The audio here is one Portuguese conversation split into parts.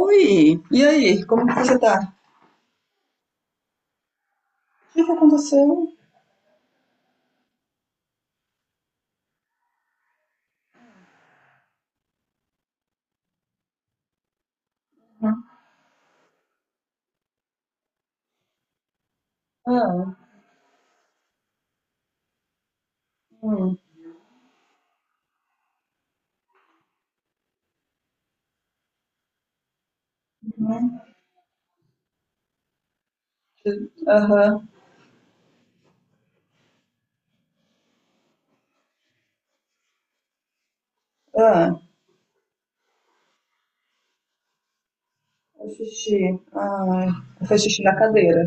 Oi! E aí, como que você tá? O que que aconteceu? Ah, hum, né? Aham. Ah, eu fiz xixi. Ah, eu fiz xixi na cadeira.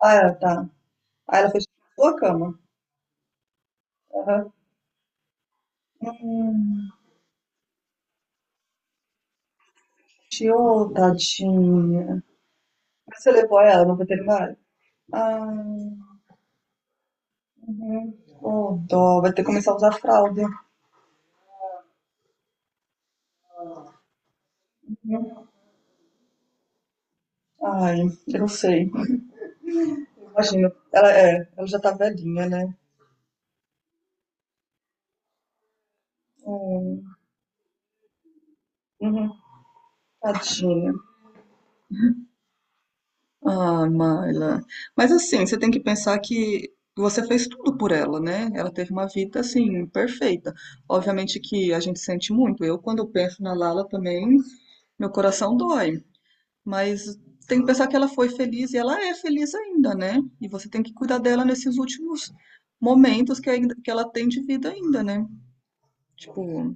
Ah, tá. Ah, ela fez xixi na sua cama. Aham. Hum, chiou, tadinha. Mas você levou ela no veterinário? Ah, uhum. Oh, dó. Vai ter que começar a usar fralda. Uhum. Ai, eu não sei. Imagina. Ela já tá velhinha, né? Hum. Uhum. Tadinho. Ah, Maila. Mas assim, você tem que pensar que você fez tudo por ela, né? Ela teve uma vida assim perfeita. Obviamente que a gente sente muito. Eu, quando eu penso na Lala também, meu coração dói. Mas tem que pensar que ela foi feliz e ela é feliz ainda, né? E você tem que cuidar dela nesses últimos momentos que, ainda, que ela tem de vida ainda, né? Tipo,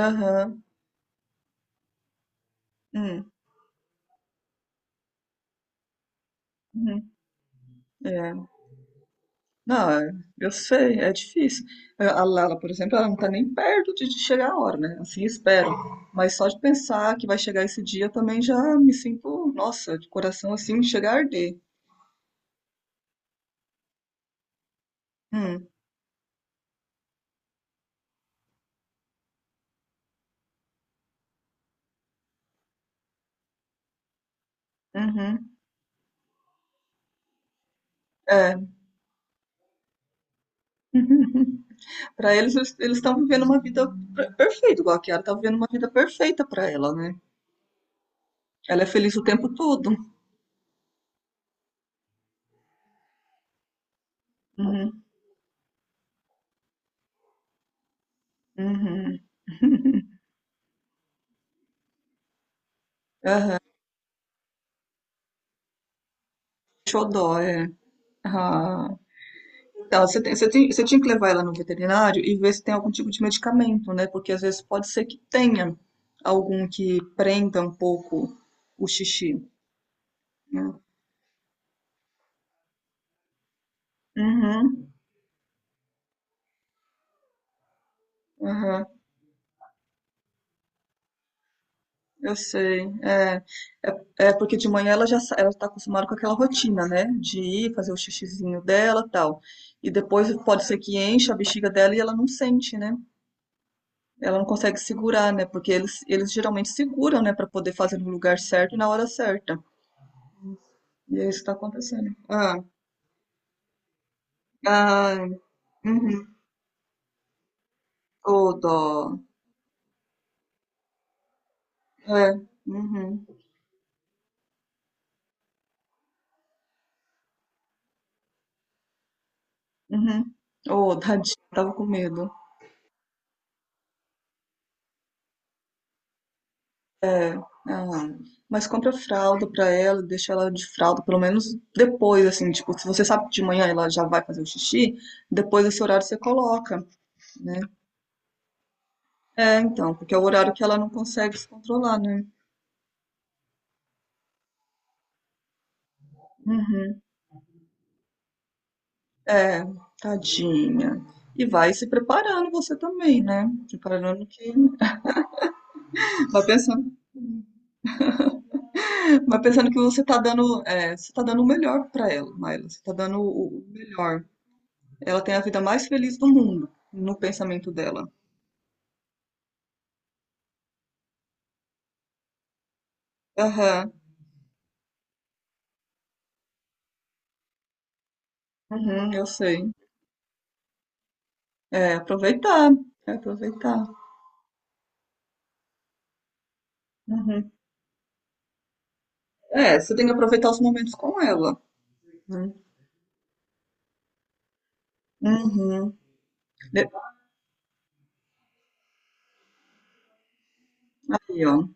aham, hum, uhum, é. Não, é- eu sei, é difícil. É, a Lala, por exemplo, ela não tá nem perto de chegar a hora, né? Assim, espero. Mas só de pensar que vai chegar esse dia também já me sinto, nossa, de coração assim, chega a arder. Hum, uhum, é. Para eles, eles estão vivendo uma vida perfeita, igual a Kiara tá vivendo uma vida perfeita para ela, né? Ela é feliz o tempo todo. Uhum, uhum. Xodó, é. Ah. Ela, você tinha que levar ela no veterinário e ver se tem algum tipo de medicamento, né? Porque às vezes pode ser que tenha algum que prenda um pouco o xixi, né? Uhum, uhum, eu sei. É, é, é porque de manhã ela está acostumada com aquela rotina, né? De ir fazer o xixizinho dela, tal. E depois pode ser que encha a bexiga dela e ela não sente, né? Ela não consegue segurar, né? Porque eles geralmente seguram, né? Para poder fazer no lugar certo e na hora certa. E é isso que tá acontecendo. Ah, ah, uhum. Ô, dó. É, uhum, uhum. Ô, tadinha, tava com medo. Ah, mas compra fralda pra ela, deixa ela de fralda, pelo menos depois, assim, tipo, se você sabe que de manhã ela já vai fazer o xixi, depois desse horário você coloca, né? É, então, porque é o horário que ela não consegue se controlar, né? Uhum. É, tadinha. E vai se preparando você também, né? Preparando que. Vai pensando. Mas pensando que você tá dando, é, você tá dando o melhor pra ela, Maila. Você tá dando o melhor. Ela tem a vida mais feliz do mundo, no pensamento dela. Aham, uhum, eu sei. É, aproveitar, é aproveitar. Uhum. É, você tem que aproveitar os momentos com ela. Né? Uhum. De- aí, ó,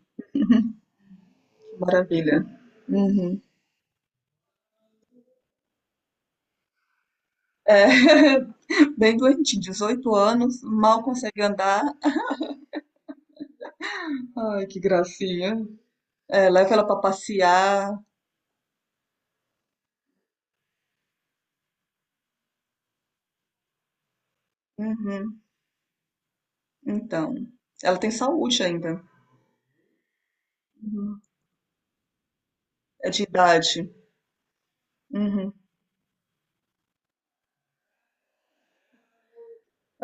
que maravilha. Uhum. É, bem doentinho, 18 anos, mal consegue andar. Ai, que gracinha. É, leva ela pra passear. Uhum. Então, ela tem saúde ainda, é de idade. Uhum.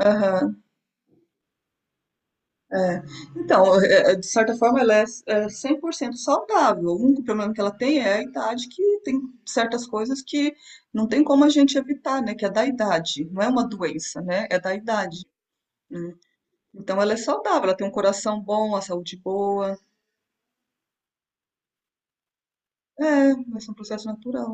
Aham, é. Então, é, de certa forma, é 100% saudável. O único problema que ela tem é a idade, que tem certas coisas que não tem como a gente evitar, né? Que é da idade. Não é uma doença, né? É da idade. Né? Então, ela é saudável, ela tem um coração bom, a saúde boa. É, mas é um processo natural.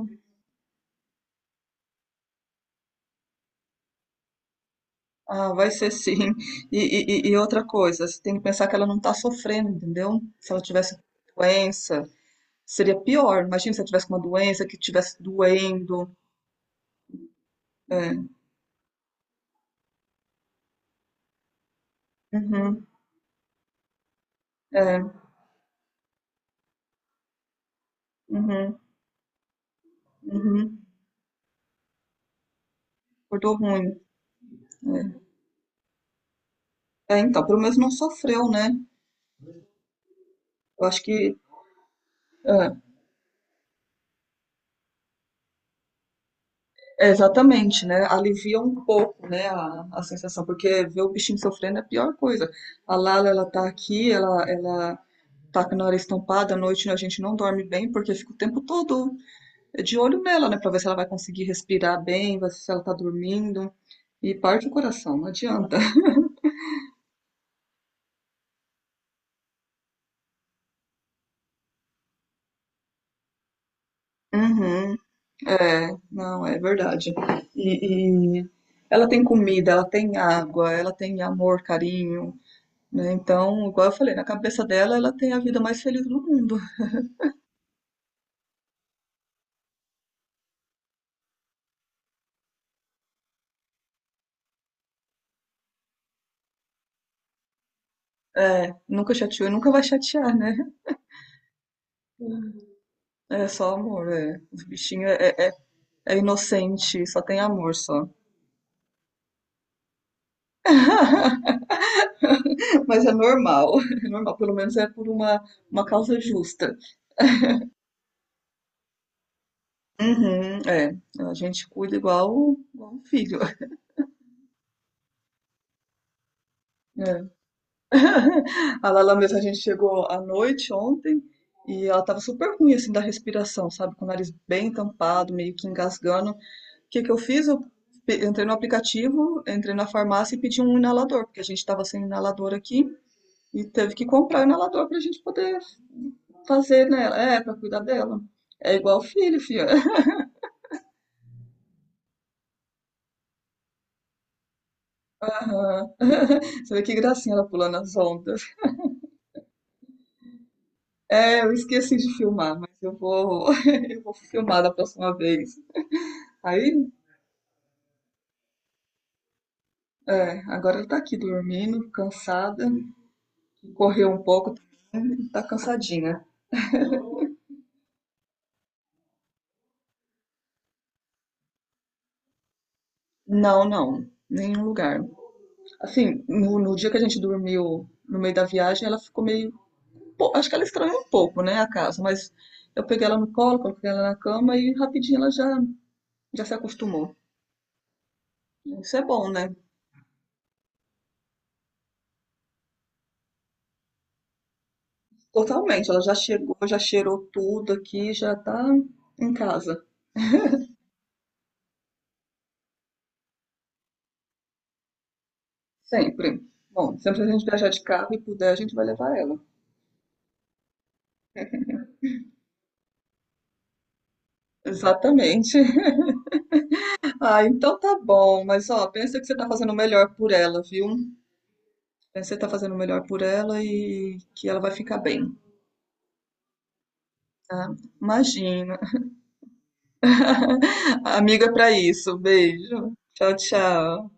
Ah, vai ser sim. Outra coisa, você tem que pensar que ela não está sofrendo, entendeu? Se ela tivesse doença, seria pior. Imagina se ela tivesse uma doença que estivesse doendo. É, uhum, é, uhum, uhum. Acordou ruim. É, então, pelo menos não sofreu, né? Eu acho que. É, é, exatamente, né? Alivia um pouco, né, a sensação, porque ver o bichinho sofrendo é a pior coisa. A Lala, ela tá aqui, ela tá com a hora estampada, à noite a gente não dorme bem, porque fica o tempo todo é de olho nela, né, para ver se ela vai conseguir respirar bem, se ela tá dormindo. E parte o coração, não adianta. Uhum, é, não, é verdade. E ela tem comida, ela tem água, ela tem amor, carinho, né? Então, igual eu falei, na cabeça dela, ela tem a vida mais feliz do mundo. É, nunca chateou e nunca vai chatear, né? É só amor, é. Os bichinhos é, é, é inocente, só tem amor, só. Mas é normal, pelo menos é por uma causa justa. Uhum, é, a gente cuida igual, igual um filho. É. A Lala mesmo, a gente chegou à noite ontem e ela tava super ruim, assim, da respiração, sabe? Com o nariz bem tampado, meio que engasgando. O que que eu fiz? Eu entrei no aplicativo, entrei na farmácia e pedi um inalador, porque a gente tava sem inalador aqui. E teve que comprar inalador pra gente poder fazer nela. É, pra cuidar dela. É igual filho, filha. Aham. Você vê que gracinha ela pulando as ondas. É, eu esqueci de filmar, mas eu vou, eu vou filmar da próxima vez. Aí, é, agora ela tá aqui dormindo, cansada. Correu um pouco, tá cansadinha. Não, não, nenhum lugar. Assim, no dia que a gente dormiu no meio da viagem, ela ficou meio pô, acho que ela estranhou um pouco, né, a casa, mas eu peguei ela no colo, coloquei ela na cama e rapidinho já se acostumou. Isso é bom, né? Totalmente, ela já chegou, já cheirou tudo aqui, já tá em casa, sempre. Bom, sempre que a gente viajar de carro e puder, a gente vai levar ela. Exatamente. Ah, então tá bom, mas ó, pensa que você tá fazendo o melhor por ela, viu? Pensa que você tá fazendo o melhor por ela e que ela vai ficar bem, tá? Imagina. Amiga para isso. Beijo. Tchau, tchau.